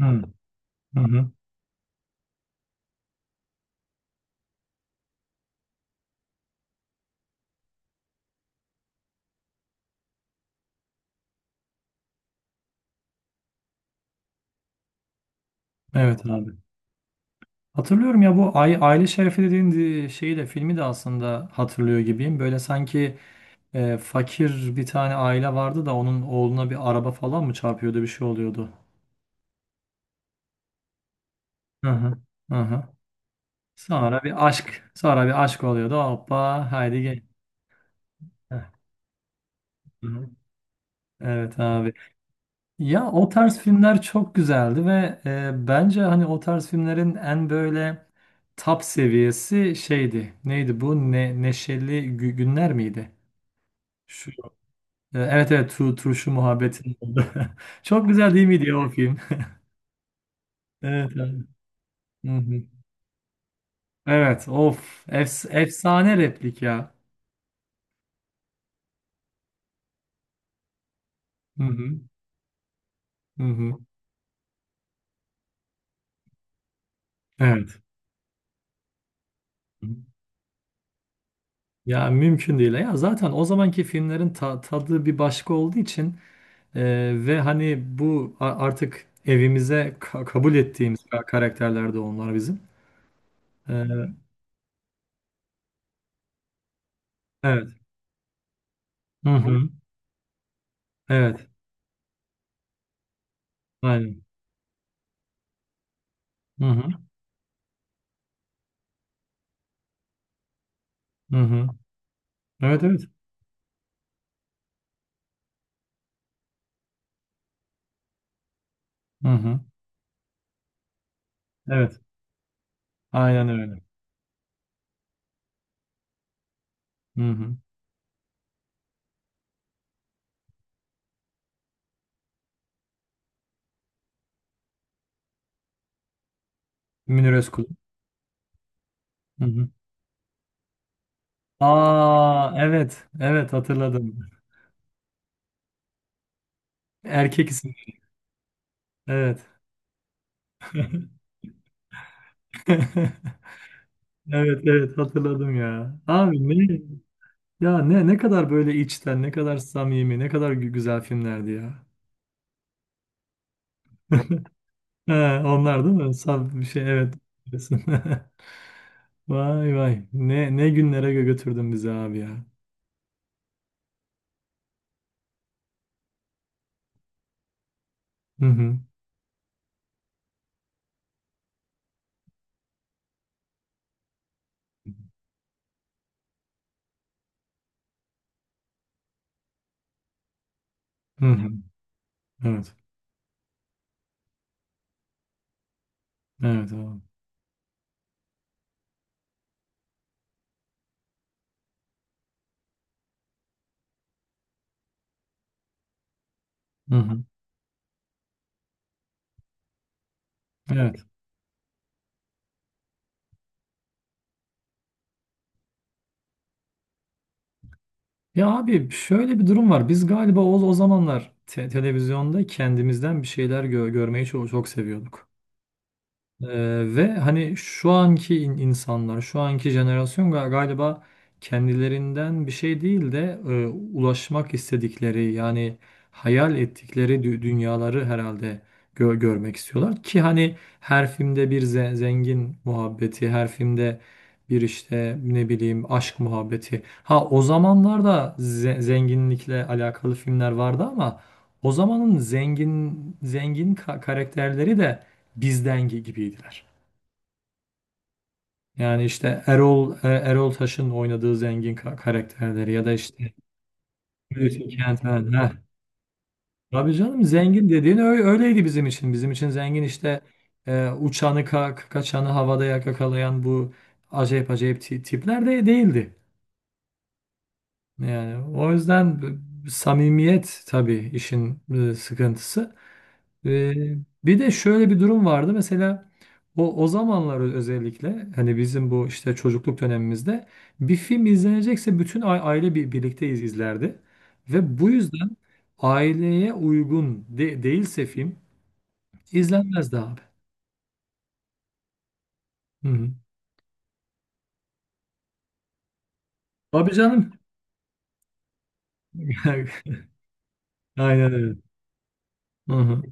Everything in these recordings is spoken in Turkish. Hı, hı hı. Evet abi. Hatırlıyorum ya, bu Aile Şerefi dediğin di- şeyi de filmi de aslında hatırlıyor gibiyim. Böyle sanki fakir bir tane aile vardı da onun oğluna bir araba falan mı çarpıyordu, bir şey oluyordu. Hı hı. Hı hı. Sonra bir aşk oluyordu. Hoppa haydi gel. Hı hı. Evet abi. Ya o tarz filmler çok güzeldi ve bence hani o tarz filmlerin en böyle top seviyesi şeydi. Neydi bu? Neşeli Günler miydi? Şu, evet evet, turşu muhabbetin oldu. Çok güzel değil miydi ya o film? Evet. Evet, hı hı. Evet, efsane replik ya. Hı hı. Hı hı. Evet. Ya mümkün değil. Ya zaten o zamanki filmlerin tadı bir başka olduğu için ve hani artık evimize kabul ettiğimiz karakterler de onlar bizim. Ee, evet. Hı hı. Evet. Aynen. Hı hı. Hı hı. Evet evet. Hı hı. Evet. Aynen öyle. Hı hı. Münir Özkul. Hı hı. Aa evet. Evet hatırladım. Erkek isim. Evet. Evet evet hatırladım ya. Abi ne kadar böyle içten, ne kadar samimi, ne kadar güzel filmlerdi ya. Ha, onlar değil mi? Saf bir şey, evet. Diyorsun. Vay vay. Ne günlere götürdün bizi abi ya. Hı hı. Hı hı. Evet. Evet abi. Hı hı. Evet. Ya abi şöyle bir durum var. Biz galiba o zamanlar televizyonda kendimizden bir şeyler görmeyi çok seviyorduk. Ee, ve hani şu anki insanlar, şu anki jenerasyon galiba kendilerinden bir şey değil de ulaşmak istedikleri, yani hayal ettikleri dünyaları herhalde görmek istiyorlar ki hani her filmde bir zengin muhabbeti, her filmde bir işte ne bileyim aşk muhabbeti. Ha, o zamanlarda zenginlikle alakalı filmler vardı ama o zamanın zengin karakterleri de bizden gibiydiler. Yani işte Erol Taş'ın oynadığı zengin karakterleri ya da işte Hulusi Kentmen. Heh. Tabii canım, zengin dediğin öyleydi bizim için. Bizim için zengin işte, uçanı kaçanı havada yakalayan bu acayip acayip tipler de değildi. Yani o yüzden samimiyet tabii işin sıkıntısı. E, bir de şöyle bir durum vardı. Mesela o zamanlar, özellikle hani bizim bu işte çocukluk dönemimizde, bir film izlenecekse bütün aile birlikte izlerdi. Ve bu yüzden aileye uygun değilse film izlenmezdi abi. Hı hı. Tabii canım. Aynen öyle. Hı hı.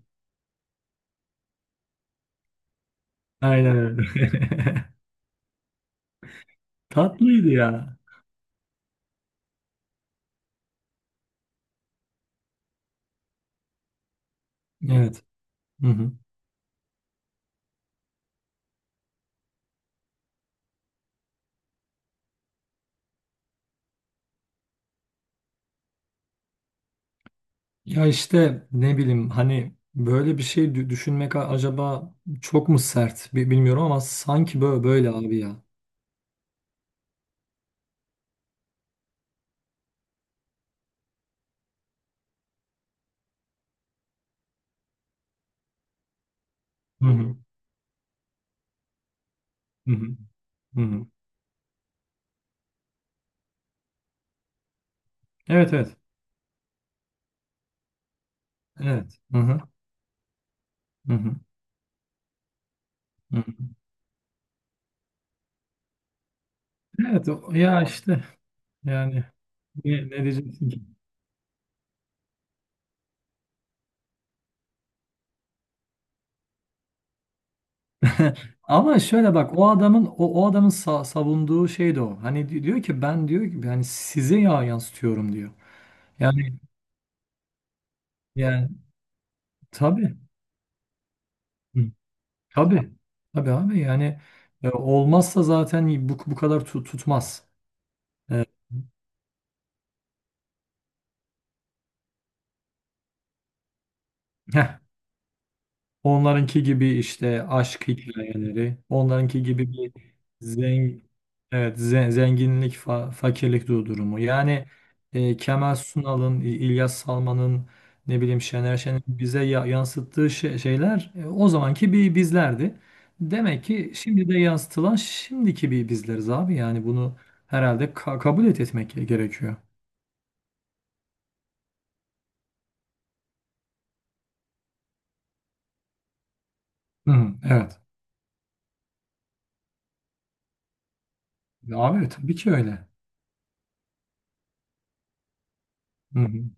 Aynen öyle. Tatlıydı ya. Evet. Hı hı. Ya işte ne bileyim hani böyle bir şey düşünmek acaba çok mu sert, bilmiyorum, ama sanki böyle, böyle abi ya. Hı hı. Hı hı. Hı hı. Evet evet. Evet. Hı hı. Hı hı. Hı hı. Evet o- ya işte yani ne, ne diyeceksin ki? Ama şöyle bak, o adamın savunduğu şey de o. Hani diyor ki, ben diyor ki yani size ya yansıtıyorum diyor. Yani yani tabii. Tabii. Tabii abi, yani olmazsa zaten bu kadar tutmaz. E, heh, onlarınki gibi işte aşk hikayeleri, onlarınki gibi bir zengin, evet, zenginlik fakirlik durumu. Yani Kemal Sunal'ın, İlyas Salman'ın, ne bileyim Şener Şen'in bize şeyler, o zamanki bir bizlerdi. Demek ki şimdi de yansıtılan, şimdiki bir bizleriz abi. Yani bunu herhalde ka- kabul et etmek gerekiyor. Hı hı, evet. Abi tabii ki öyle. Hı hı,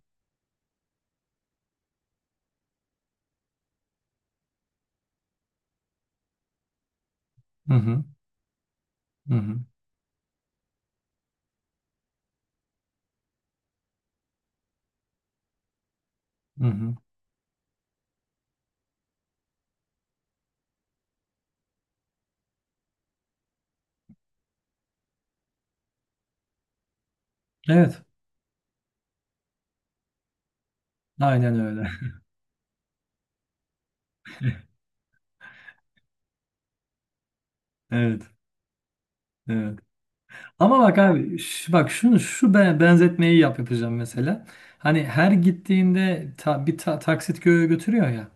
hı hı, hı hı, hı hı. Evet. Aynen öyle. Evet. Evet. Ama bak abi, ş- bak şunu, benzetmeyi yapacağım mesela. Hani her gittiğinde taksit götürüyor ya.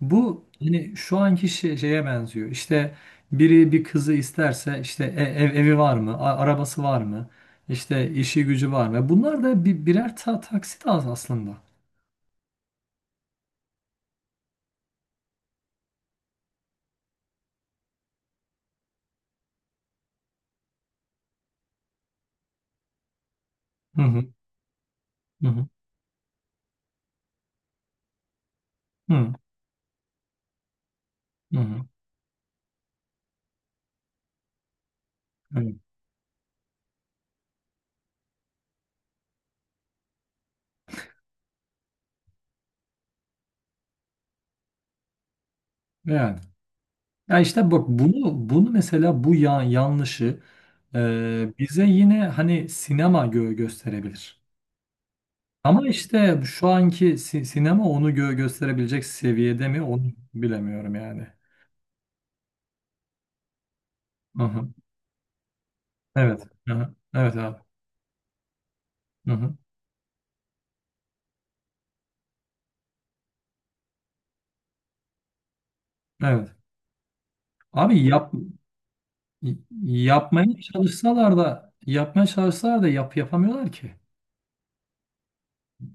Bu hani şu anki şeye benziyor. İşte biri bir kızı isterse, işte evi var mı? Arabası var mı? İşte işi gücü var mı? Bunlar da birer taksit az aslında. Hı hı, hı hı, hı hı. Evet. Yani. Ya işte bak, bunu mesela bu yanlışı bize yine hani sinema gösterebilir. Ama işte şu anki sinema onu gösterebilecek seviyede mi, onu bilemiyorum yani. Hı hı. Evet. Hı hı. Evet abi. Hı hı. Evet. Abi yapmaya çalışsalar da, yapamıyorlar ki.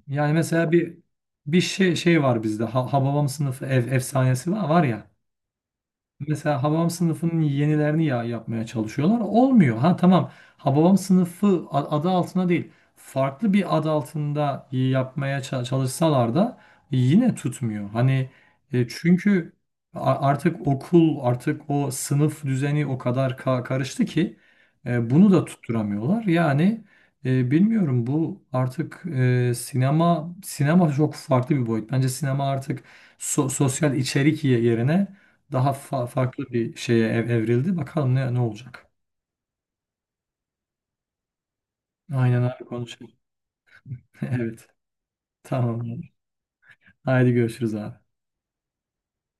Yani mesela bir bir şey şey var bizde. Ha, Hababam sınıfı efsanesi var, var ya. Mesela Hababam sınıfının yenilerini yapmaya çalışıyorlar. Olmuyor. Ha tamam. Hababam sınıfı adı altına değil. Farklı bir adı altında yapmaya çalışsalar da yine tutmuyor. Hani çünkü artık okul, artık o sınıf düzeni o kadar karıştı ki, bunu da tutturamıyorlar. Yani bilmiyorum, bu artık sinema çok farklı bir boyut. Bence sinema artık sosyal içerik yerine daha farklı bir şeye evrildi. Bakalım ne olacak. Aynen abi, konuşalım. Evet. Tamam abi. Haydi görüşürüz abi.